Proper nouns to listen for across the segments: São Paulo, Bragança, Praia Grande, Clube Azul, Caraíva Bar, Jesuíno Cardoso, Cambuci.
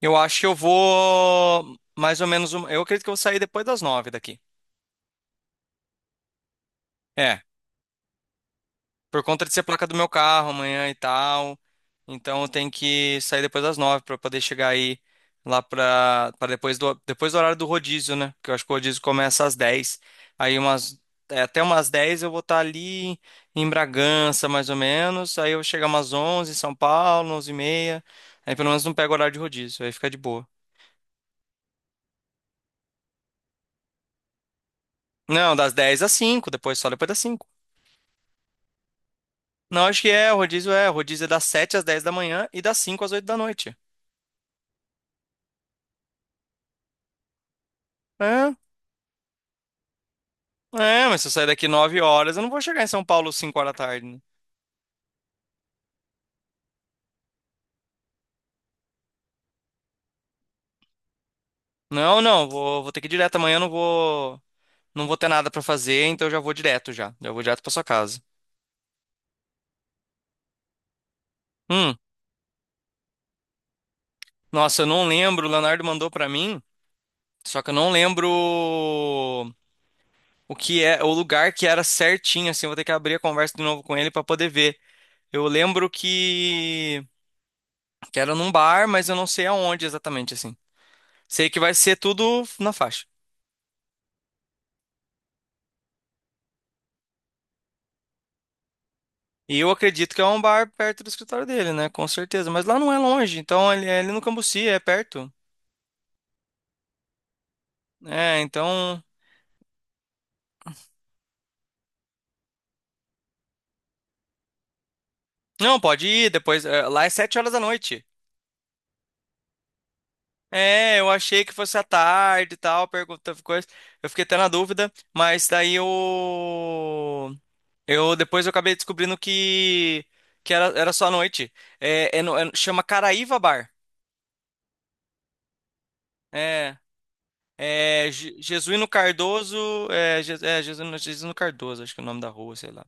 Eu acho que eu vou mais ou menos. Eu acredito que eu vou sair depois das 9 daqui. É, por conta de ser placa do meu carro amanhã e tal. Então eu tenho que sair depois das 9 para poder chegar aí lá para depois do horário do rodízio, né? Porque eu acho que o rodízio começa às 10. Aí até umas 10 eu vou estar ali em Bragança mais ou menos. Aí eu vou chegar umas 11 em São Paulo, 11:30. Aí pelo menos não pego o horário de rodízio. Aí fica de boa. Não, das 10 às 5. Depois só depois das 5. Não, acho que é, o rodízio é. O rodízio é das 7 às 10 da manhã e das 5 às 8 da noite. É, é, mas se eu sair daqui 9h, eu não vou chegar em São Paulo 5h da tarde, né? Não, não, vou ter que ir direto amanhã, eu não vou ter nada pra fazer, então eu já vou direto já. Já vou direto pra sua casa. Hum, Nossa, eu não lembro, o Leonardo mandou pra mim, só que eu não lembro o lugar que era certinho, assim, eu vou ter que abrir a conversa de novo com ele pra poder ver. Eu lembro que era num bar, mas eu não sei aonde exatamente, assim. Sei que vai ser tudo na faixa. E eu acredito que é um bar perto do escritório dele, né? Com certeza. Mas lá não é longe, então ele é ali no Cambuci, é perto. É, então. Não, pode ir depois. Lá é 7h da noite. É, eu achei que fosse à tarde e tal, pergunta coisa. Eu fiquei até na dúvida, mas daí eu. Depois eu acabei descobrindo que. Que era só à noite. É, chama Caraíva Bar. É, É, Jesuíno Cardoso, Jesuíno Cardoso, acho que é o nome da rua, sei lá.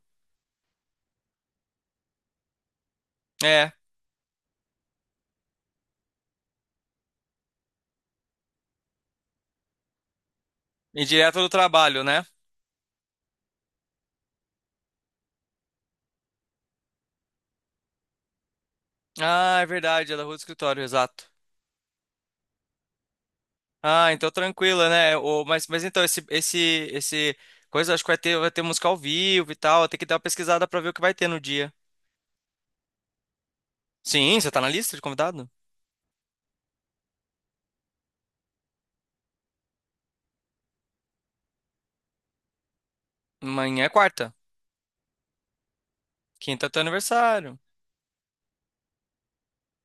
É, e direto do trabalho, né? Ah, é verdade, é da rua do escritório, exato. Ah, então tranquila, né? O, mas então, esse coisa, acho que vai ter música ao vivo e tal, tem que dar uma pesquisada pra ver o que vai ter no dia. Sim, você tá na lista de convidado? Amanhã é quarta, quinta é teu aniversário.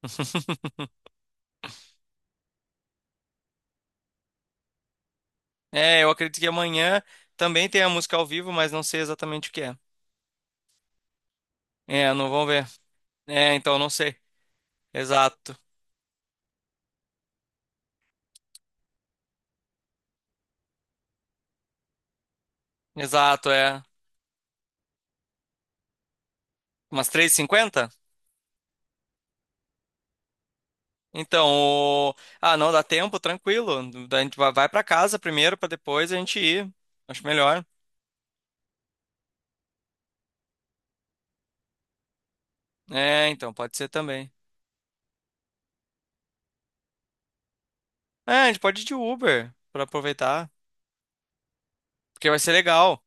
É, eu acredito que amanhã também tem a música ao vivo, mas não sei exatamente o que é. É, não vão ver. É, então não sei. Exato, exato, é. Umas 3:50. Então, o- ah, não, dá tempo, tranquilo. A gente vai pra casa primeiro, pra depois a gente ir. Acho melhor. É, então, pode ser também. É, a gente pode ir de Uber, pra aproveitar, porque vai ser legal.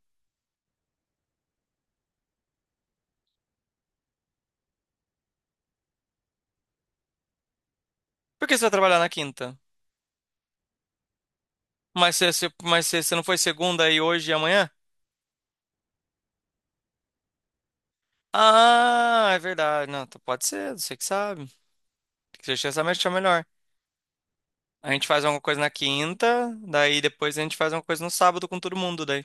Por que você vai trabalhar na quinta? Mas se não foi segunda e hoje e amanhã? Ah, é verdade. Não, então pode ser, você que sabe. Você já sabe achar melhor. A gente faz alguma coisa na quinta, daí depois a gente faz alguma coisa no sábado com todo mundo, daí.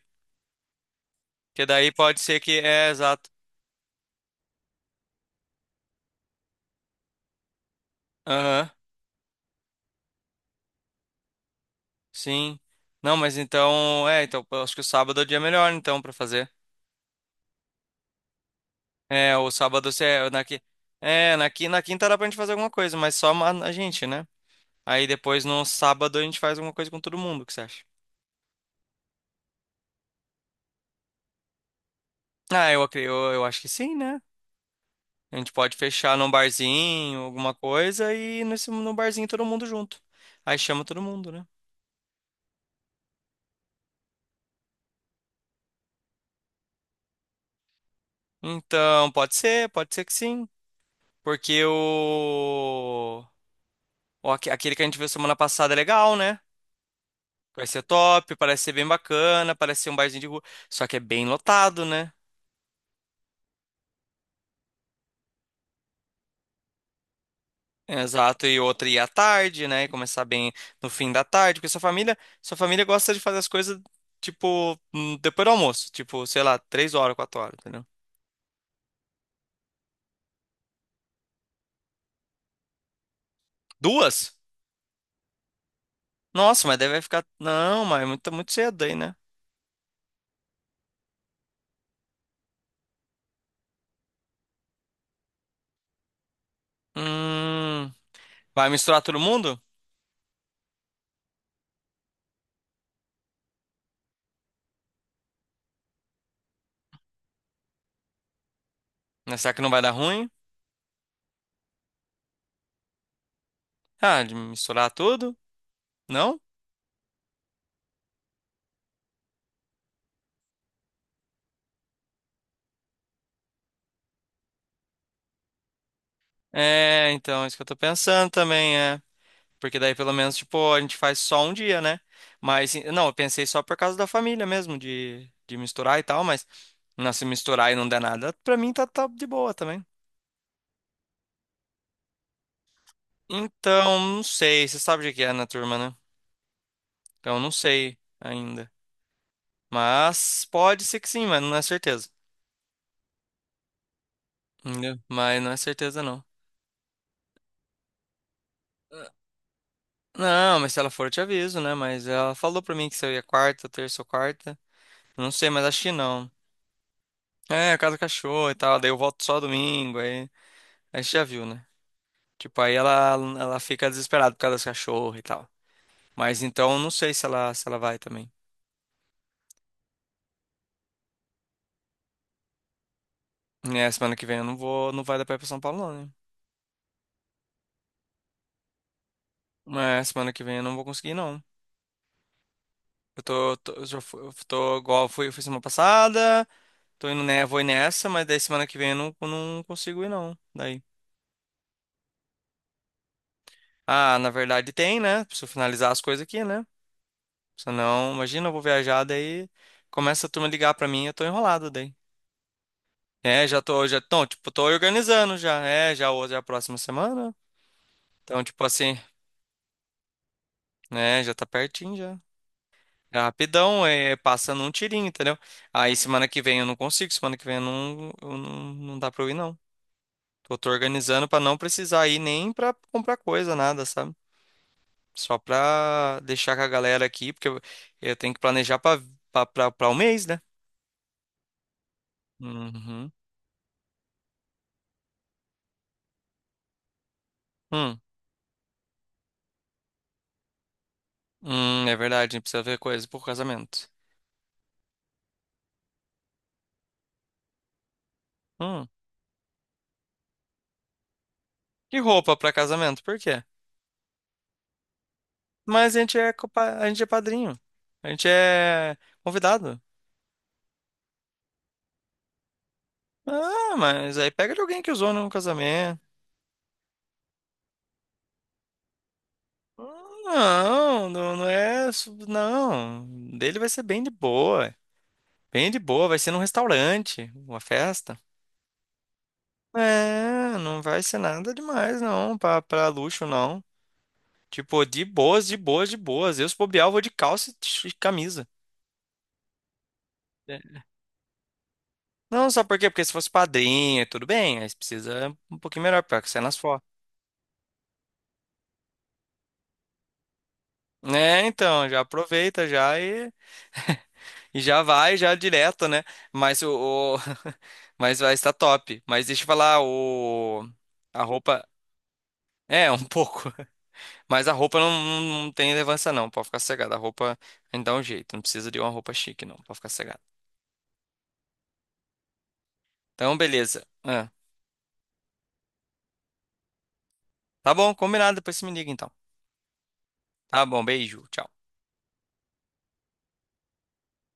Porque daí pode ser que. É, exato. Aham, sim. Não, mas então. É, então eu acho que o sábado é o dia melhor, então, pra fazer. É, o sábado você. É, Na quinta dá pra gente fazer alguma coisa, mas só a gente, né? Aí depois no sábado a gente faz alguma coisa com todo mundo, o que você acha? Ah, eu acho que sim, né? A gente pode fechar num barzinho, alguma coisa, e no barzinho todo mundo junto. Aí chama todo mundo, né? Então, pode ser que sim. Porque o. Ó, aquele que a gente viu semana passada é legal, né? Vai ser top, parece ser bem bacana, parece ser um barzinho de rua. Só que é bem lotado, né? Exato, e outra ir à tarde, né? E começar bem no fim da tarde, porque sua família gosta de fazer as coisas, tipo, depois do almoço, tipo, sei lá, 3h, 4h, entendeu? Duas? Nossa, mas deve ficar. Não, mas é muito, muito cedo aí, né? Hum. Vai misturar todo mundo? Né, será que não vai dar ruim? Ah, de misturar tudo? Não? É, então, é isso que eu tô pensando também, é. Porque daí pelo menos, tipo, a gente faz só um dia, né? Mas, não, eu pensei só por causa da família mesmo, de misturar e tal, mas não, se misturar e não der nada, pra mim tá, tá de boa também. Então, não sei, você sabe o que é na turma, né? Então, não sei ainda. Mas pode ser que sim, mas não é certeza. Entendeu? Mas não é certeza, não. Não, mas se ela for, eu te aviso, né? Mas ela falou pra mim que se eu ia quarta, terça ou quarta. Eu não sei, mas acho que não. É, casa do cachorro e tal. Daí eu volto só domingo. Aí a gente já viu, né? Tipo, aí ela fica desesperada por causa dos cachorros e tal. Mas então não sei se ela vai também. É, semana que vem eu não vou, não vai dar pra ir pra São Paulo, não, né? Mas semana que vem eu não vou conseguir, não. Eu tô igual eu fui semana passada, tô indo, né, vou ir nessa, mas daí semana que vem eu não consigo ir, não. Daí. Ah, na verdade tem, né? Preciso finalizar as coisas aqui, né? Senão, imagina, eu vou viajar, daí começa a turma ligar pra mim, eu tô enrolado daí. É, já tô, já, então, tipo, tô organizando já, é, já hoje é a próxima semana, então, tipo assim, né, já tá pertinho já, é rapidão, é, passando um tirinho, entendeu? Aí semana que vem eu não consigo, semana que vem eu não, não dá pra eu ir não. Eu tô organizando pra não precisar ir nem pra comprar coisa, nada, sabe? Só pra deixar com a galera aqui, porque eu tenho que planejar pra um mês, né? Uhum. Hum, é verdade, a gente precisa ver coisa pro casamento. Hum. E roupa pra casamento, por quê? Mas a gente é padrinho. A gente é convidado. Ah, mas aí pega de alguém que usou num casamento. Não, não, não é. Não. Dele vai ser bem de boa. Bem de boa. Vai ser num restaurante, uma festa. É, não vai ser nada demais, não. Pra luxo, não. Tipo, de boas, de boas, de boas. Eu, se bobear, eu vou de calça e e camisa. É. Não, sabe por quê? Porque se fosse padrinho, tudo bem. Aí precisa um pouquinho melhor, porque sai nas fotos. É, então, já aproveita já e já vai já direto, né? Mas mas vai estar top. Mas deixa eu falar, o a roupa é um pouco, mas a roupa não, não, tem relevância não, pode ficar cegada. A roupa ainda dá um jeito, não precisa de uma roupa chique não, pode ficar cegada. Então, beleza. Ah, tá bom, combinado, depois você me liga então. Tá bom, beijo, tchau.